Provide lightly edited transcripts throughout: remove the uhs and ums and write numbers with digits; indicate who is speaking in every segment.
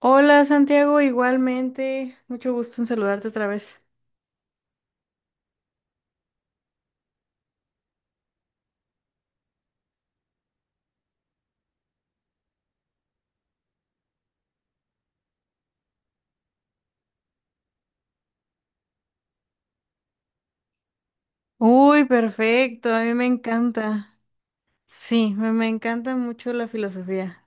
Speaker 1: Hola Santiago, igualmente. Mucho gusto en saludarte otra vez. Uy, perfecto, a mí me encanta. Sí, me encanta mucho la filosofía.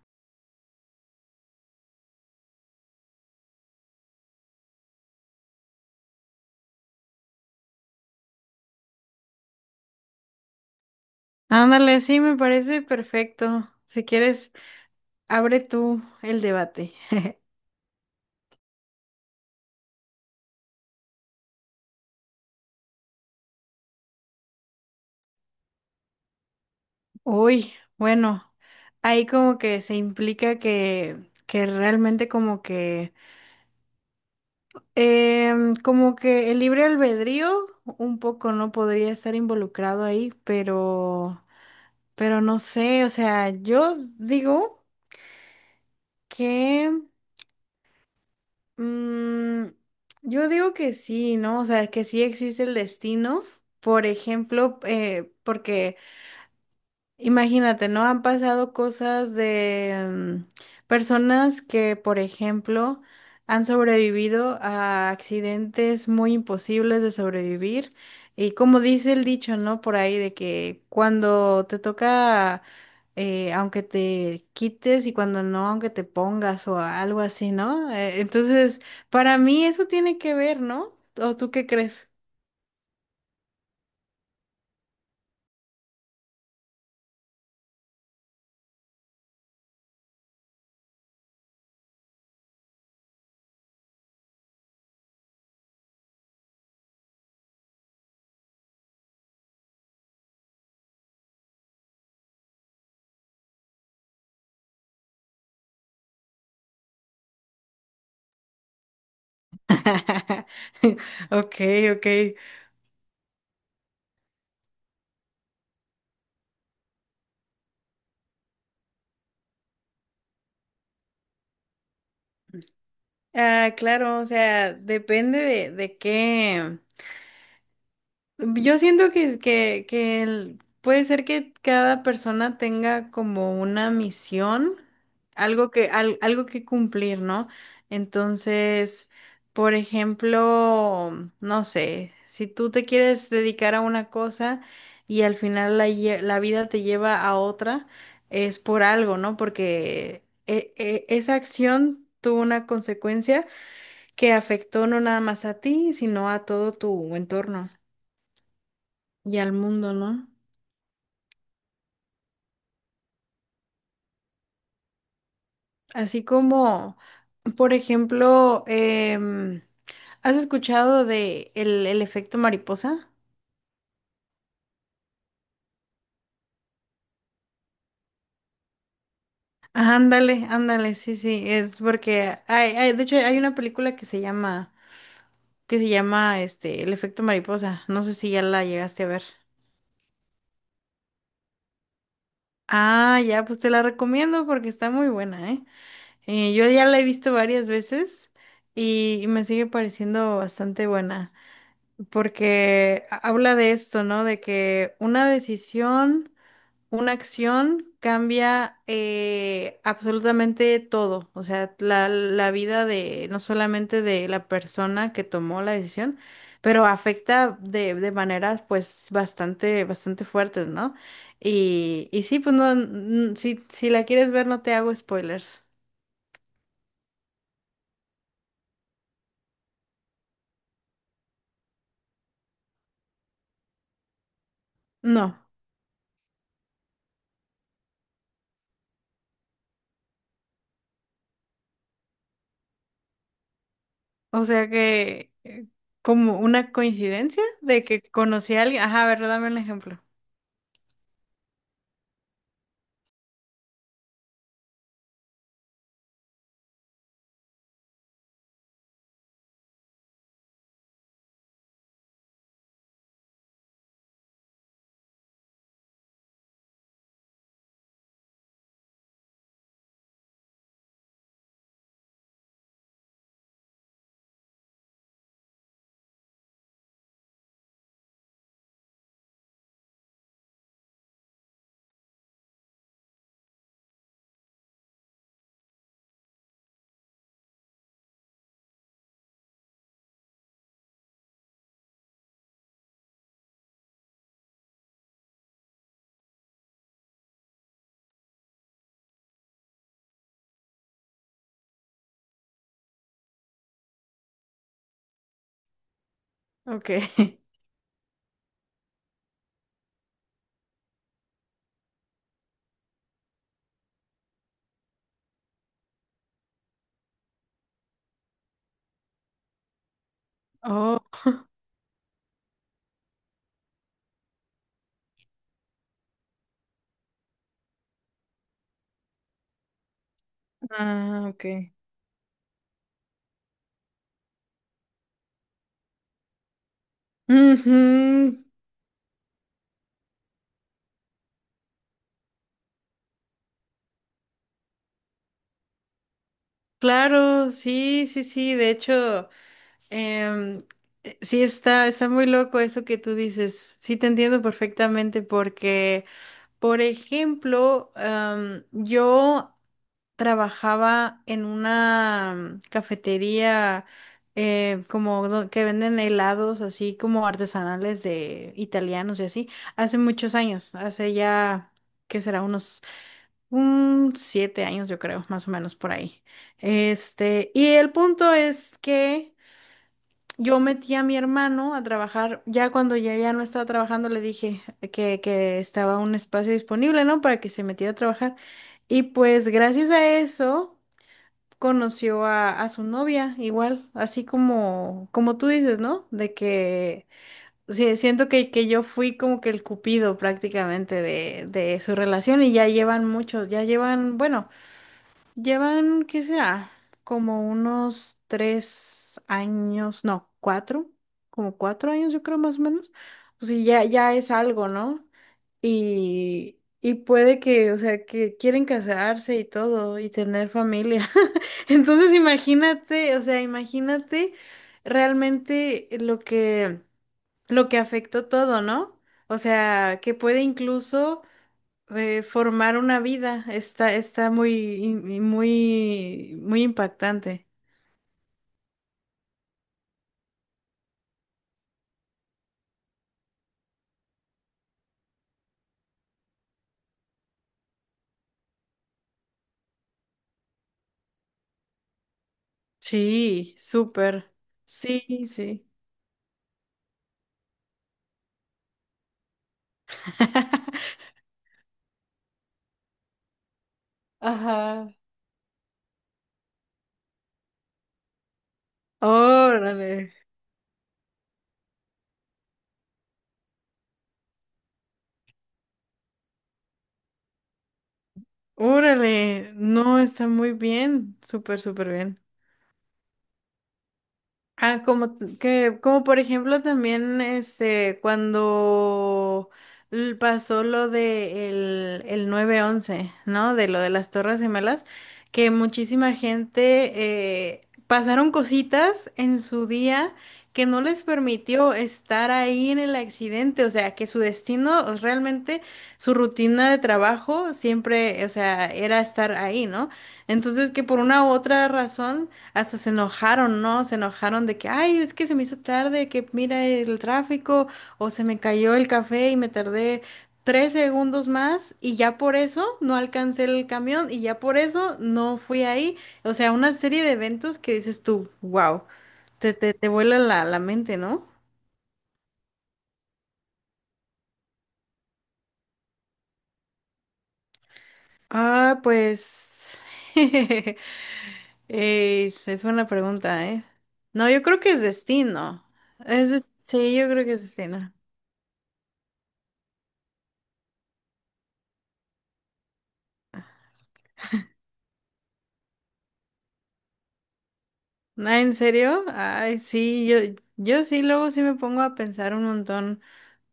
Speaker 1: Ándale, sí, me parece perfecto. Si quieres, abre tú el debate. Uy, bueno, ahí como que se implica que realmente como como que el libre albedrío un poco no podría estar involucrado ahí, pero... Pero no sé, o sea, yo digo que, mm, yo digo que sí, ¿no? O sea, que sí existe el destino, por ejemplo, porque imagínate, ¿no? Han pasado cosas de mm, personas que, por ejemplo, han sobrevivido a accidentes muy imposibles de sobrevivir. Y como dice el dicho, ¿no? Por ahí de que cuando te toca, aunque te quites y cuando no, aunque te pongas o algo así, ¿no? Entonces, para mí eso tiene que ver, ¿no? ¿O tú qué crees? Ok, ok. Ah, claro, o sea, depende de qué. Yo siento que puede ser que cada persona tenga como una misión, algo que algo que cumplir, ¿no? Entonces, por ejemplo, no sé, si tú te quieres dedicar a una cosa y al final la vida te lleva a otra, es por algo, ¿no? Porque esa acción tuvo una consecuencia que afectó no nada más a ti, sino a todo tu entorno y al mundo, ¿no? Así como, por ejemplo, em, ¿has escuchado de el efecto mariposa? Ah, ándale, ándale, sí, sí, es porque de hecho hay una película que se llama El efecto mariposa. No sé si ya la llegaste a ver. Ah, ya, pues te la recomiendo porque está muy buena, ¿eh? Yo ya la he visto varias veces y me sigue pareciendo bastante buena porque habla de esto, ¿no? De que una decisión, una acción cambia absolutamente todo, o sea, la vida de no solamente de la persona que tomó la decisión, pero afecta de maneras pues bastante fuertes, ¿no? Y sí, pues no, si, si la quieres ver no te hago spoilers. No. O sea que, como una coincidencia de que conocí a alguien. Ajá, a ver, dame un ejemplo. Ok. Oh, ah, ok. Ujú, claro, sí, sí, sí. De hecho, em, sí está, está muy loco eso que tú dices. Sí, te entiendo perfectamente porque, por ejemplo, yo trabajaba en una cafetería que venden helados así como artesanales de italianos y así, hace muchos años, hace ya, ¿qué será? Unos un 7 años yo creo, más o menos por ahí. Este, y el punto es que yo metí a mi hermano a trabajar, ya cuando ya no estaba trabajando le dije que estaba un espacio disponible, ¿no? Para que se metiera a trabajar. Y pues gracias a eso conoció a su novia, igual, así como, como tú dices, ¿no? De que sí, siento que yo fui como que el cupido prácticamente de su relación y ya llevan muchos, ya llevan, bueno, llevan, ¿qué será? Como unos 3 años, no, cuatro, como 4 años yo creo más o menos. Pues sea, ya, ya es algo, ¿no? Y puede que, o sea, que quieren casarse y todo y tener familia. Entonces imagínate, o sea, imagínate realmente lo que afectó todo, ¿no? O sea, que puede incluso formar una vida. Está, está muy, muy impactante. Sí, súper. Sí, sí. Ajá. Órale. Órale, no, está muy bien, súper, súper bien. Ah, como por ejemplo también este cuando pasó lo de el 11-S, ¿no? De lo de las Torres Gemelas, que muchísima gente pasaron cositas en su día que no les permitió estar ahí en el accidente, o sea, que su destino realmente, su rutina de trabajo siempre, o sea, era estar ahí, ¿no? Entonces, que por una u otra razón hasta se enojaron, ¿no? Se enojaron de que, ay, es que se me hizo tarde, que mira el tráfico, o se me cayó el café y me tardé 3 segundos más y ya por eso no alcancé el camión y ya por eso no fui ahí. O sea, una serie de eventos que dices tú, wow, te vuela la mente, ¿no? Ah, pues... es buena pregunta, ¿eh? No, yo creo que es destino. Sí, yo creo que es destino. Ah, ¿en serio? Ay, sí, yo sí, luego sí me pongo a pensar un montón,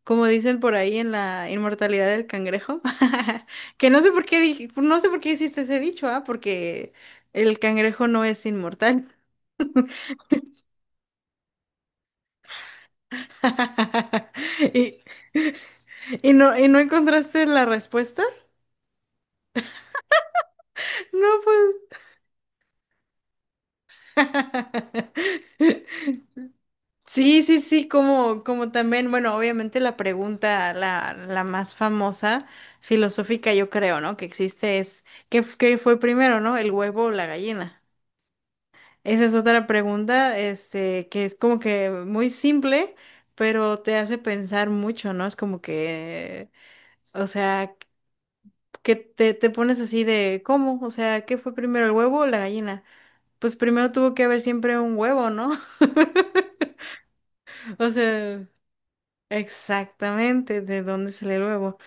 Speaker 1: como dicen por ahí en la inmortalidad del cangrejo, que no sé por qué dije, no sé por qué hiciste ese dicho, ah, porque el cangrejo no es inmortal. Y, y no encontraste la respuesta. No, pues. Sí, sí, sí, como, como también, bueno, obviamente la pregunta, la más famosa, filosófica, yo creo, ¿no? Que existe es, ¿qué fue primero, ¿no? ¿El huevo o la gallina? Esa es otra pregunta, este, que es como que muy simple, pero te hace pensar mucho, ¿no? Es como que, o sea, te pones así de, ¿cómo? O sea, ¿qué fue primero, el huevo o la gallina? Pues primero tuvo que haber siempre un huevo, ¿no? O sea, exactamente, ¿de dónde sale el huevo?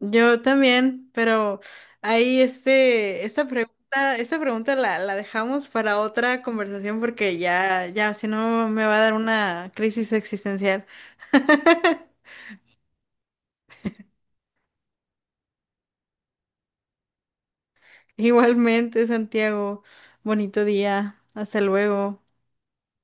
Speaker 1: Yo también, pero ahí este, esta pregunta la dejamos para otra conversación porque ya, ya, si no me va a dar una crisis existencial. Igualmente, Santiago, bonito día, hasta luego.